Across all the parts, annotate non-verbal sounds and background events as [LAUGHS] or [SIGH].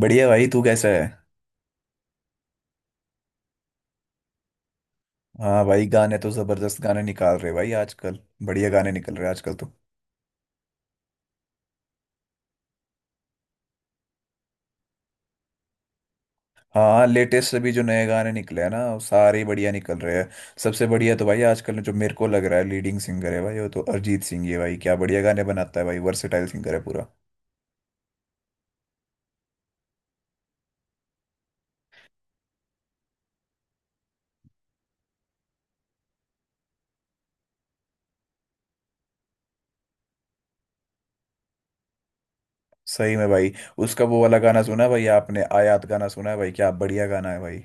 बढ़िया भाई, तू कैसा है। हाँ भाई, गाने तो जबरदस्त गाने निकाल रहे भाई आजकल। बढ़िया गाने निकल रहे हैं आजकल तो। हाँ, लेटेस्ट अभी जो नए गाने निकले हैं ना, वो सारे ही बढ़िया निकल रहे हैं। सबसे बढ़िया तो भाई आजकल जो मेरे को लग रहा है लीडिंग सिंगर है भाई वो तो अरिजीत सिंह ही है भाई, क्या बढ़िया गाने बनाता है भाई, वर्सेटाइल सिंगर है पूरा। सही में भाई। उसका वो वाला गाना सुना है भाई आपने, आयात गाना सुना है भाई, क्या बढ़िया गाना है भाई।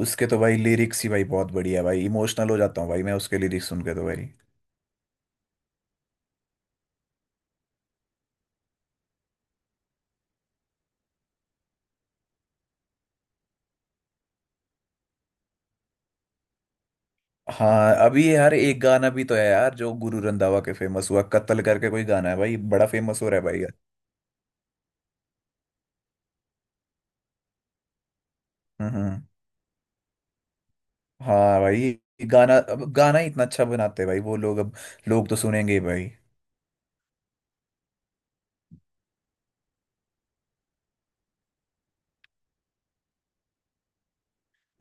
उसके तो भाई लिरिक्स ही भाई बहुत बढ़िया है भाई, इमोशनल हो जाता हूँ भाई मैं उसके लिरिक्स सुन के तो भाई। हाँ अभी यार एक गाना भी तो है यार जो गुरु रंधावा के फेमस हुआ, कत्ल करके कोई गाना है भाई, बड़ा फेमस हो रहा है भाई यार। हम्म हम्म। हाँ भाई, ये गाना, अब गाना ही इतना अच्छा बनाते हैं भाई वो लोग, अब लोग तो सुनेंगे ही भाई।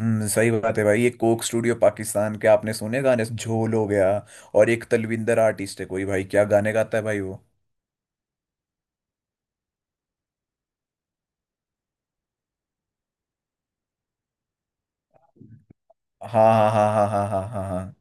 हम्म, सही बात है भाई, ये कोक स्टूडियो पाकिस्तान के आपने सुने गाने, झोल हो गया। और एक तलविंदर आर्टिस्ट है कोई भाई, क्या गाने गाता है भाई वो। हाँ हाँ हाँ हाँ हाँ हाँ हाँ हाँ।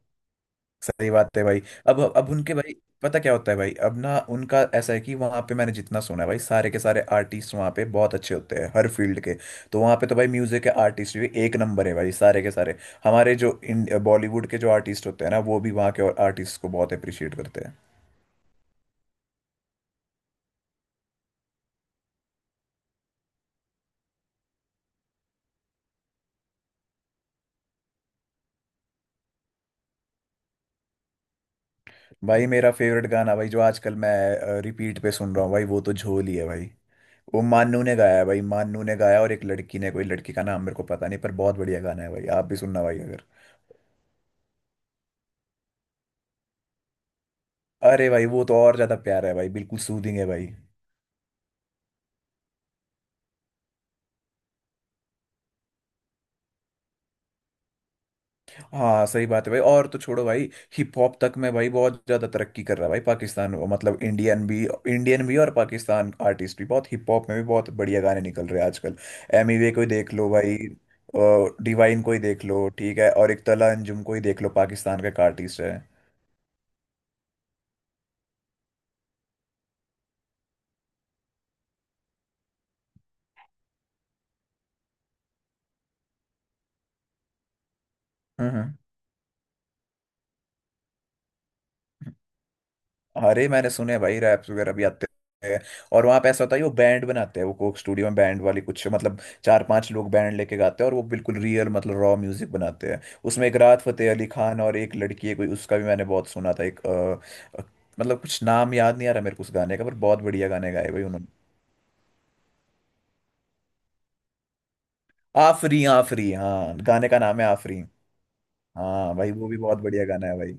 सही बात है भाई। अब उनके भाई, पता क्या होता है भाई, अब ना उनका ऐसा है कि वहाँ पे मैंने जितना सुना है भाई, सारे के सारे आर्टिस्ट वहाँ पे बहुत अच्छे होते हैं हर फील्ड के। तो वहाँ पे तो भाई म्यूजिक के आर्टिस्ट भी एक नंबर है भाई, सारे के सारे। हमारे जो इन बॉलीवुड के जो आर्टिस्ट होते हैं ना, वो भी वहाँ के और आर्टिस्ट को बहुत अप्रिशिएट करते हैं। भाई मेरा फेवरेट गाना भाई जो आजकल मैं रिपीट पे सुन रहा हूँ भाई, वो तो झोल ही है भाई। वो मान्नू ने गाया है भाई, मान्नू ने गाया और एक लड़की ने, कोई लड़की का नाम मेरे को पता नहीं, पर बहुत बढ़िया गाना है भाई, आप भी सुनना भाई अगर। अरे भाई वो तो और ज्यादा प्यार है भाई, बिल्कुल सूदिंग है भाई। हाँ सही बात है भाई, और तो छोड़ो भाई। हिप हॉप तक में भाई बहुत ज्यादा तरक्की कर रहा है भाई पाकिस्तान, मतलब इंडियन भी। इंडियन भी और पाकिस्तान आर्टिस्ट भी, बहुत हिप हॉप में भी बहुत बढ़िया गाने निकल रहे हैं आजकल। एमी वे को ही देख लो भाई। डिवाइन को ही देख लो, ठीक है, और एक तला अंजुम को ही देख लो, पाकिस्तान का एक आर्टिस्ट है। हम्म हम्म, अरे, मैंने सुने हैं भाई, रैप्स वगैरह भी आते हैं। और वहाँ पे ऐसा होता है वो बैंड बनाते हैं, वो कोक स्टूडियो में बैंड वाली कुछ मतलब चार पांच लोग बैंड लेके गाते हैं, और वो बिल्कुल रियल मतलब रॉ म्यूजिक बनाते हैं, उसमें एक राहत फतेह अली खान और एक लड़की है कोई, उसका भी मैंने बहुत सुना था, एक मतलब कुछ नाम याद नहीं आ रहा मेरे को उस गाने का, पर बहुत बढ़िया गाने गाए भाई उन्होंने। आफरी आफरी, हाँ गाने का नाम है आफरी। हाँ भाई वो भी बहुत बढ़िया गाना है भाई।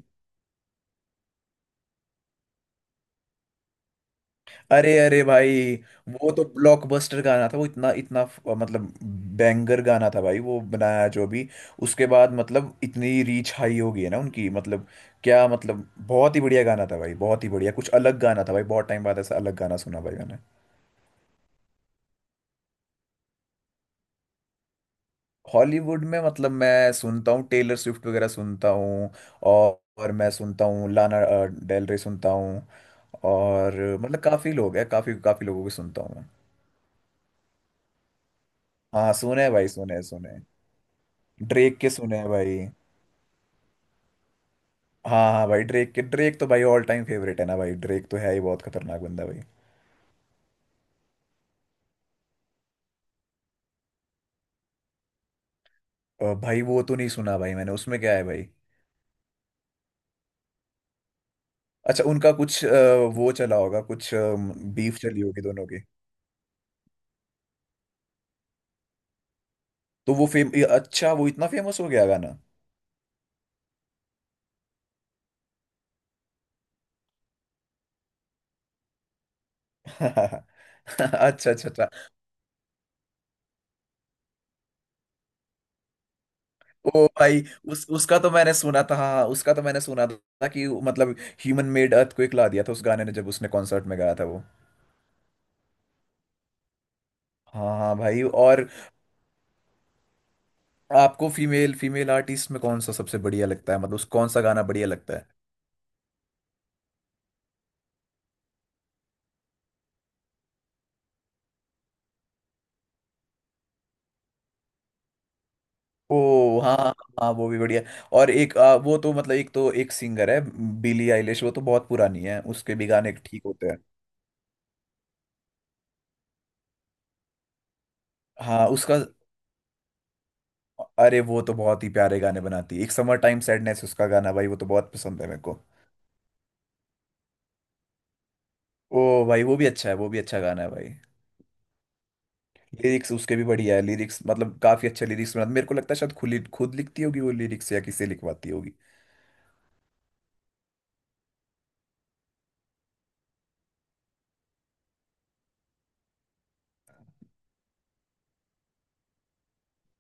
अरे अरे भाई, वो तो ब्लॉकबस्टर गाना था, वो इतना इतना मतलब बैंगर गाना था भाई वो, बनाया जो भी, उसके बाद मतलब इतनी रीच हाई हो गई है ना उनकी, मतलब क्या, मतलब बहुत ही बढ़िया गाना था भाई, बहुत ही बढ़िया, कुछ अलग गाना था भाई, बहुत टाइम बाद ऐसा अलग गाना सुना भाई मैंने। हॉलीवुड में मतलब मैं सुनता हूँ, टेलर स्विफ्ट वगैरह सुनता हूँ। और मैं सुनता हूँ लाना डेल रे सुनता हूँ। और मतलब काफ़ी लोग हैं, काफ़ी काफ़ी लोगों को सुनता हूँ मैं। हाँ सुने हैं भाई, सुने हैं, सुने हैं। ड्रेक के सुने हैं भाई। हाँ हाँ भाई, ड्रेक के, ड्रेक तो भाई ऑल टाइम फेवरेट है ना भाई, ड्रेक तो है ही बहुत खतरनाक बंदा भाई। भाई वो तो नहीं सुना भाई मैंने, उसमें क्या है भाई। अच्छा, उनका कुछ वो चला होगा, कुछ बीफ चली होगी दोनों की। तो वो फेम, ये अच्छा, वो इतना फेमस हो गया गाना। [LAUGHS] अच्छा अच्छा अच्छा। ओ भाई, उस उसका तो मैंने सुना था, हाँ हाँ, उसका तो मैंने सुना था कि मतलब ह्यूमन मेड अर्थक्वेक ला दिया था उस गाने ने जब उसने कॉन्सर्ट में गाया था वो। हाँ हाँ भाई। और आपको फीमेल फीमेल आर्टिस्ट में कौन सा सबसे बढ़िया लगता है, मतलब उस कौन सा गाना बढ़िया लगता है। ओ हाँ हाँ। हाँ, वो भी बढ़िया। और एक वो तो मतलब, एक तो एक सिंगर है, बिली आइलिश, वो तो बहुत पुरानी है, उसके भी गाने ठीक होते हैं। हाँ उसका। अरे वो तो बहुत ही प्यारे गाने बनाती है, एक समर टाइम सैडनेस उसका गाना भाई, वो तो बहुत पसंद है मेरे को। ओ भाई वो भी अच्छा है, वो भी अच्छा गाना है भाई। लिरिक्स उसके भी बढ़िया है, लिरिक्स मतलब काफी अच्छे लिरिक्स बनाती, मेरे को लगता है शायद खुद खुद लिखती होगी वो लिरिक्स या किसी लिखवाती होगी।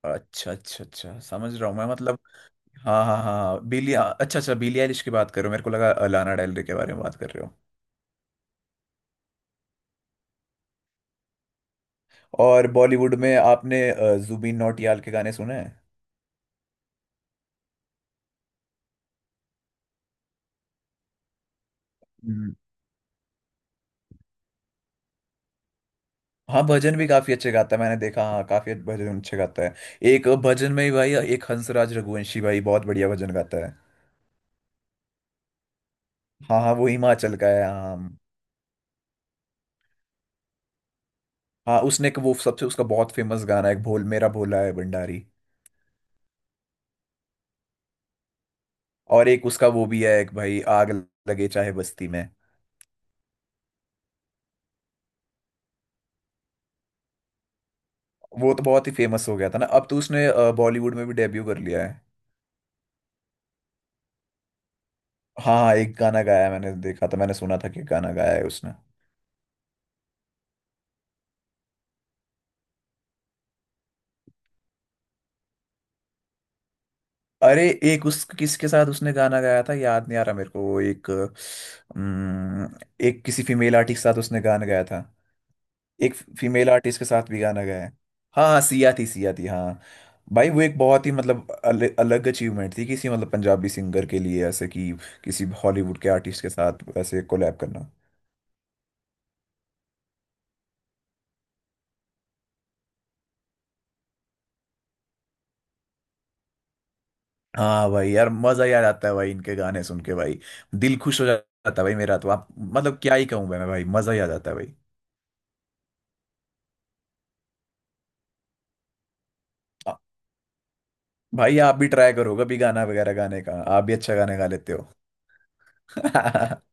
अच्छा अच्छा अच्छा, समझ रहा हूँ मैं मतलब। हाँ हाँ हाँ हाँ, बिली, अच्छा अच्छा, बिली आइलिश की बात करो, मेरे को लगा लाना डेल रे के बारे में बात कर रहे हो। और बॉलीवुड में आपने जुबिन नौटियाल के गाने सुने हैं। हम्म, हाँ, भजन भी काफी अच्छे गाता है मैंने देखा, हाँ काफी भजन अच्छे गाता है। एक भजन में ही भाई, एक हंसराज रघुवंशी भाई बहुत बढ़िया भजन गाता है। हाँ हाँ वो हिमाचल का है, हाँ। हाँ, उसने एक, वो सबसे उसका बहुत फेमस गाना है एक, भोल मेरा भोला है भंडारी। और एक उसका वो भी है एक भाई, आग लगे चाहे बस्ती में। वो तो बहुत ही फेमस हो गया था ना, अब तो उसने बॉलीवुड में भी डेब्यू कर लिया है। हाँ हाँ, एक गाना गाया है मैंने देखा था, मैंने सुना था कि गाना गाया है उसने। अरे, एक, उस किसके साथ उसने गाना गाया था याद नहीं आ रहा मेरे को, वो एक एक किसी फीमेल आर्टिस्ट के साथ उसने गाना गाया था, एक फीमेल आर्टिस्ट के साथ भी गाना गाया है। हाँ हाँ सिया थी, सिया थी हाँ। भाई वो एक बहुत ही मतलब अलग अचीवमेंट थी किसी मतलब पंजाबी सिंगर के लिए ऐसे कि किसी हॉलीवुड के आर्टिस्ट के साथ ऐसे कोलैब करना। हाँ भाई यार, मजा याद आता है भाई इनके गाने सुन के भाई, दिल खुश हो जाता है भाई मेरा तो, आप मतलब क्या ही कहूँ मैं भाई मजा ही आ जाता है भाई। भाई आप भी ट्राई करो कभी गाना वगैरह गाने का, आप भी अच्छा गाने गा लेते हो। [LAUGHS]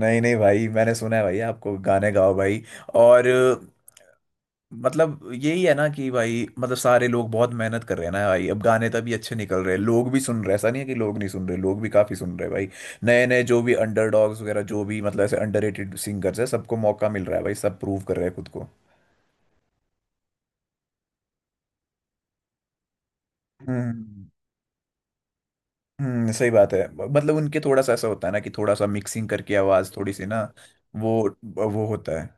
नहीं नहीं भाई, मैंने सुना है भाई आपको, गाने गाओ भाई। और मतलब यही है ना कि भाई, मतलब सारे लोग बहुत मेहनत कर रहे हैं ना भाई, अब गाने तभी अच्छे निकल रहे हैं, लोग भी सुन रहे हैं, ऐसा नहीं है कि लोग नहीं सुन रहे, लोग भी काफी सुन रहे हैं भाई। नए नए जो भी अंडरडॉग्स वगैरह, जो भी मतलब ऐसे अंडररेटेड सिंगर्स है, सबको मौका मिल रहा है भाई, सब प्रूव कर रहे हैं खुद को। हम्म सही बात है, मतलब उनके थोड़ा सा ऐसा होता है ना कि थोड़ा सा मिक्सिंग करके आवाज थोड़ी सी ना। वो वो होता है,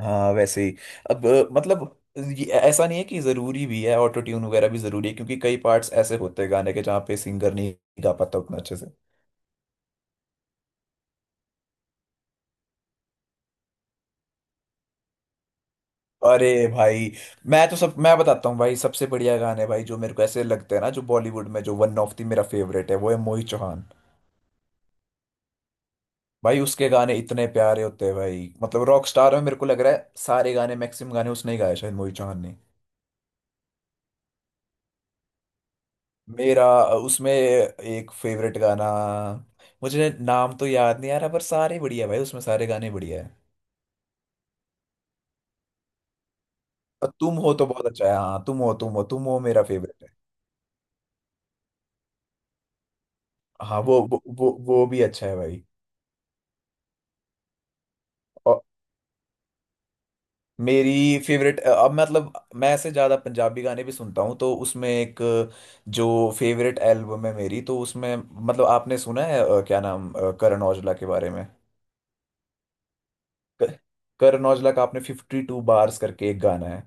हाँ वैसे ही। अब मतलब ये ऐसा नहीं है कि जरूरी भी है, ऑटो ट्यून वगैरह भी जरूरी है क्योंकि कई पार्ट्स ऐसे होते हैं गाने के जहाँ पे सिंगर नहीं गा पाता उतना अच्छे से। अरे भाई, मैं तो सब, मैं बताता हूँ भाई सबसे बढ़िया गाने भाई जो मेरे को ऐसे लगते हैं ना, जो बॉलीवुड में जो वन ऑफ दी, मेरा फेवरेट है वो है मोहित चौहान। भाई उसके गाने इतने प्यारे होते हैं भाई, मतलब रॉक स्टार में मेरे को लग रहा है सारे गाने, मैक्सिमम गाने उसने ही गाए शायद मोहित चौहान ने। मेरा उसमें एक फेवरेट गाना, मुझे नाम तो याद नहीं आ रहा, पर सारे बढ़िया भाई, उसमें सारे गाने बढ़िया है। और तुम हो तो बहुत अच्छा है, हाँ तुम हो, तुम हो, तुम हो मेरा फेवरेट है। हाँ वो भी अच्छा है भाई। और मेरी फेवरेट, अब मतलब मैं ऐसे ज़्यादा पंजाबी गाने भी सुनता हूँ, तो उसमें एक, जो फेवरेट एल्बम है मेरी, तो उसमें मतलब आपने सुना है क्या नाम करण औजला के बारे में। क- करण औजला का आपने 52 Bars करके एक गाना है।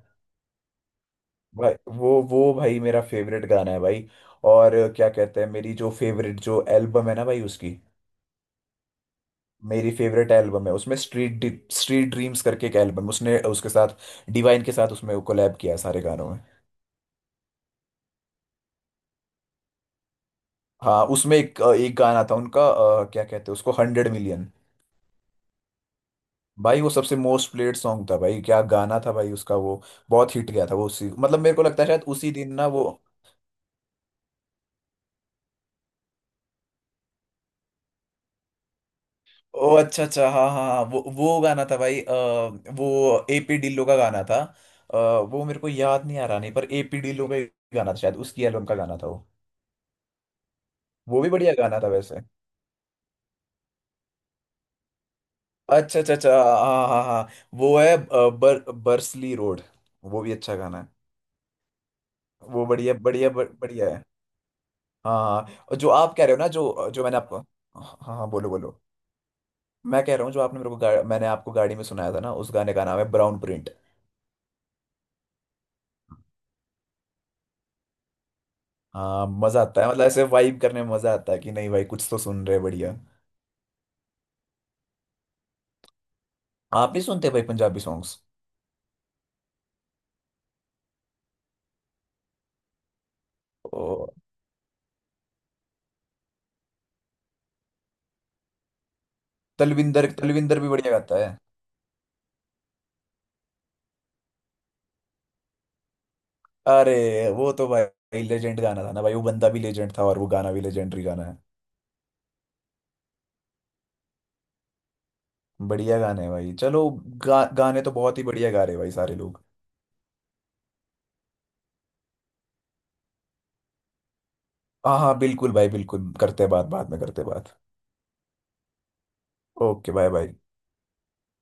भाई वो भाई मेरा फेवरेट गाना है भाई। और क्या कहते हैं, मेरी जो फेवरेट जो एल्बम है ना भाई उसकी, मेरी फेवरेट एल्बम है उसमें, स्ट्रीट स्ट्रीट ड्रीम्स करके एक एल्बम उसने, उसके साथ डिवाइन के साथ उसमें कोलैब किया है सारे गानों में। हाँ उसमें एक एक गाना था उनका क्या कहते हैं उसको, 100 Million। भाई वो सबसे मोस्ट प्लेड सॉन्ग था भाई, क्या गाना था भाई उसका वो, बहुत हिट गया था वो उसी, मतलब मेरे को लगता है शायद उसी दिन ना वो। ओ अच्छा अच्छा, हाँ हाँ हाँ, वो गाना था भाई वो एपी ढिल्लो का गाना था। अ, वो मेरे को याद नहीं आ रहा, नहीं पर एपी ढिल्लो का एक गाना था, शायद उसकी एल्बम का गाना था वो। वो भी बढ़िया गाना था वैसे। अच्छा अच्छा अच्छा, हाँ हाँ हाँ, वो है बर्सली रोड, वो भी अच्छा गाना है। वो बढ़िया बढ़िया बढ़िया है। हाँ हाँ, हाँ। और जो आप कह रहे हो ना, जो जो मैंने आपको, हाँ हाँ हाँ, बोलो बोलो, मैं कह रहा हूँ, जो आपने मेरे को मैंने आपको गाड़ी में सुनाया था ना, उस गाने का नाम है ब्राउन प्रिंट। हाँ मजा आता है, मतलब ऐसे वाइब करने में मजा आता है कि नहीं भाई, कुछ तो सुन रहे बढ़िया। आप भी सुनते हैं भाई पंजाबी सॉन्ग्स। ओ, तलविंदर, तलविंदर भी बढ़िया गाता है। अरे वो तो भाई लेजेंड गाना था ना भाई, वो बंदा भी लेजेंड था और वो गाना भी लेजेंडरी गाना है। बढ़िया गाना है भाई, चलो, गाने तो बहुत ही बढ़िया गा रहे हैं भाई सारे लोग। हाँ हाँ बिल्कुल भाई, बिल्कुल करते हैं बात, बाद में करते हैं बात। Okay, bye bye.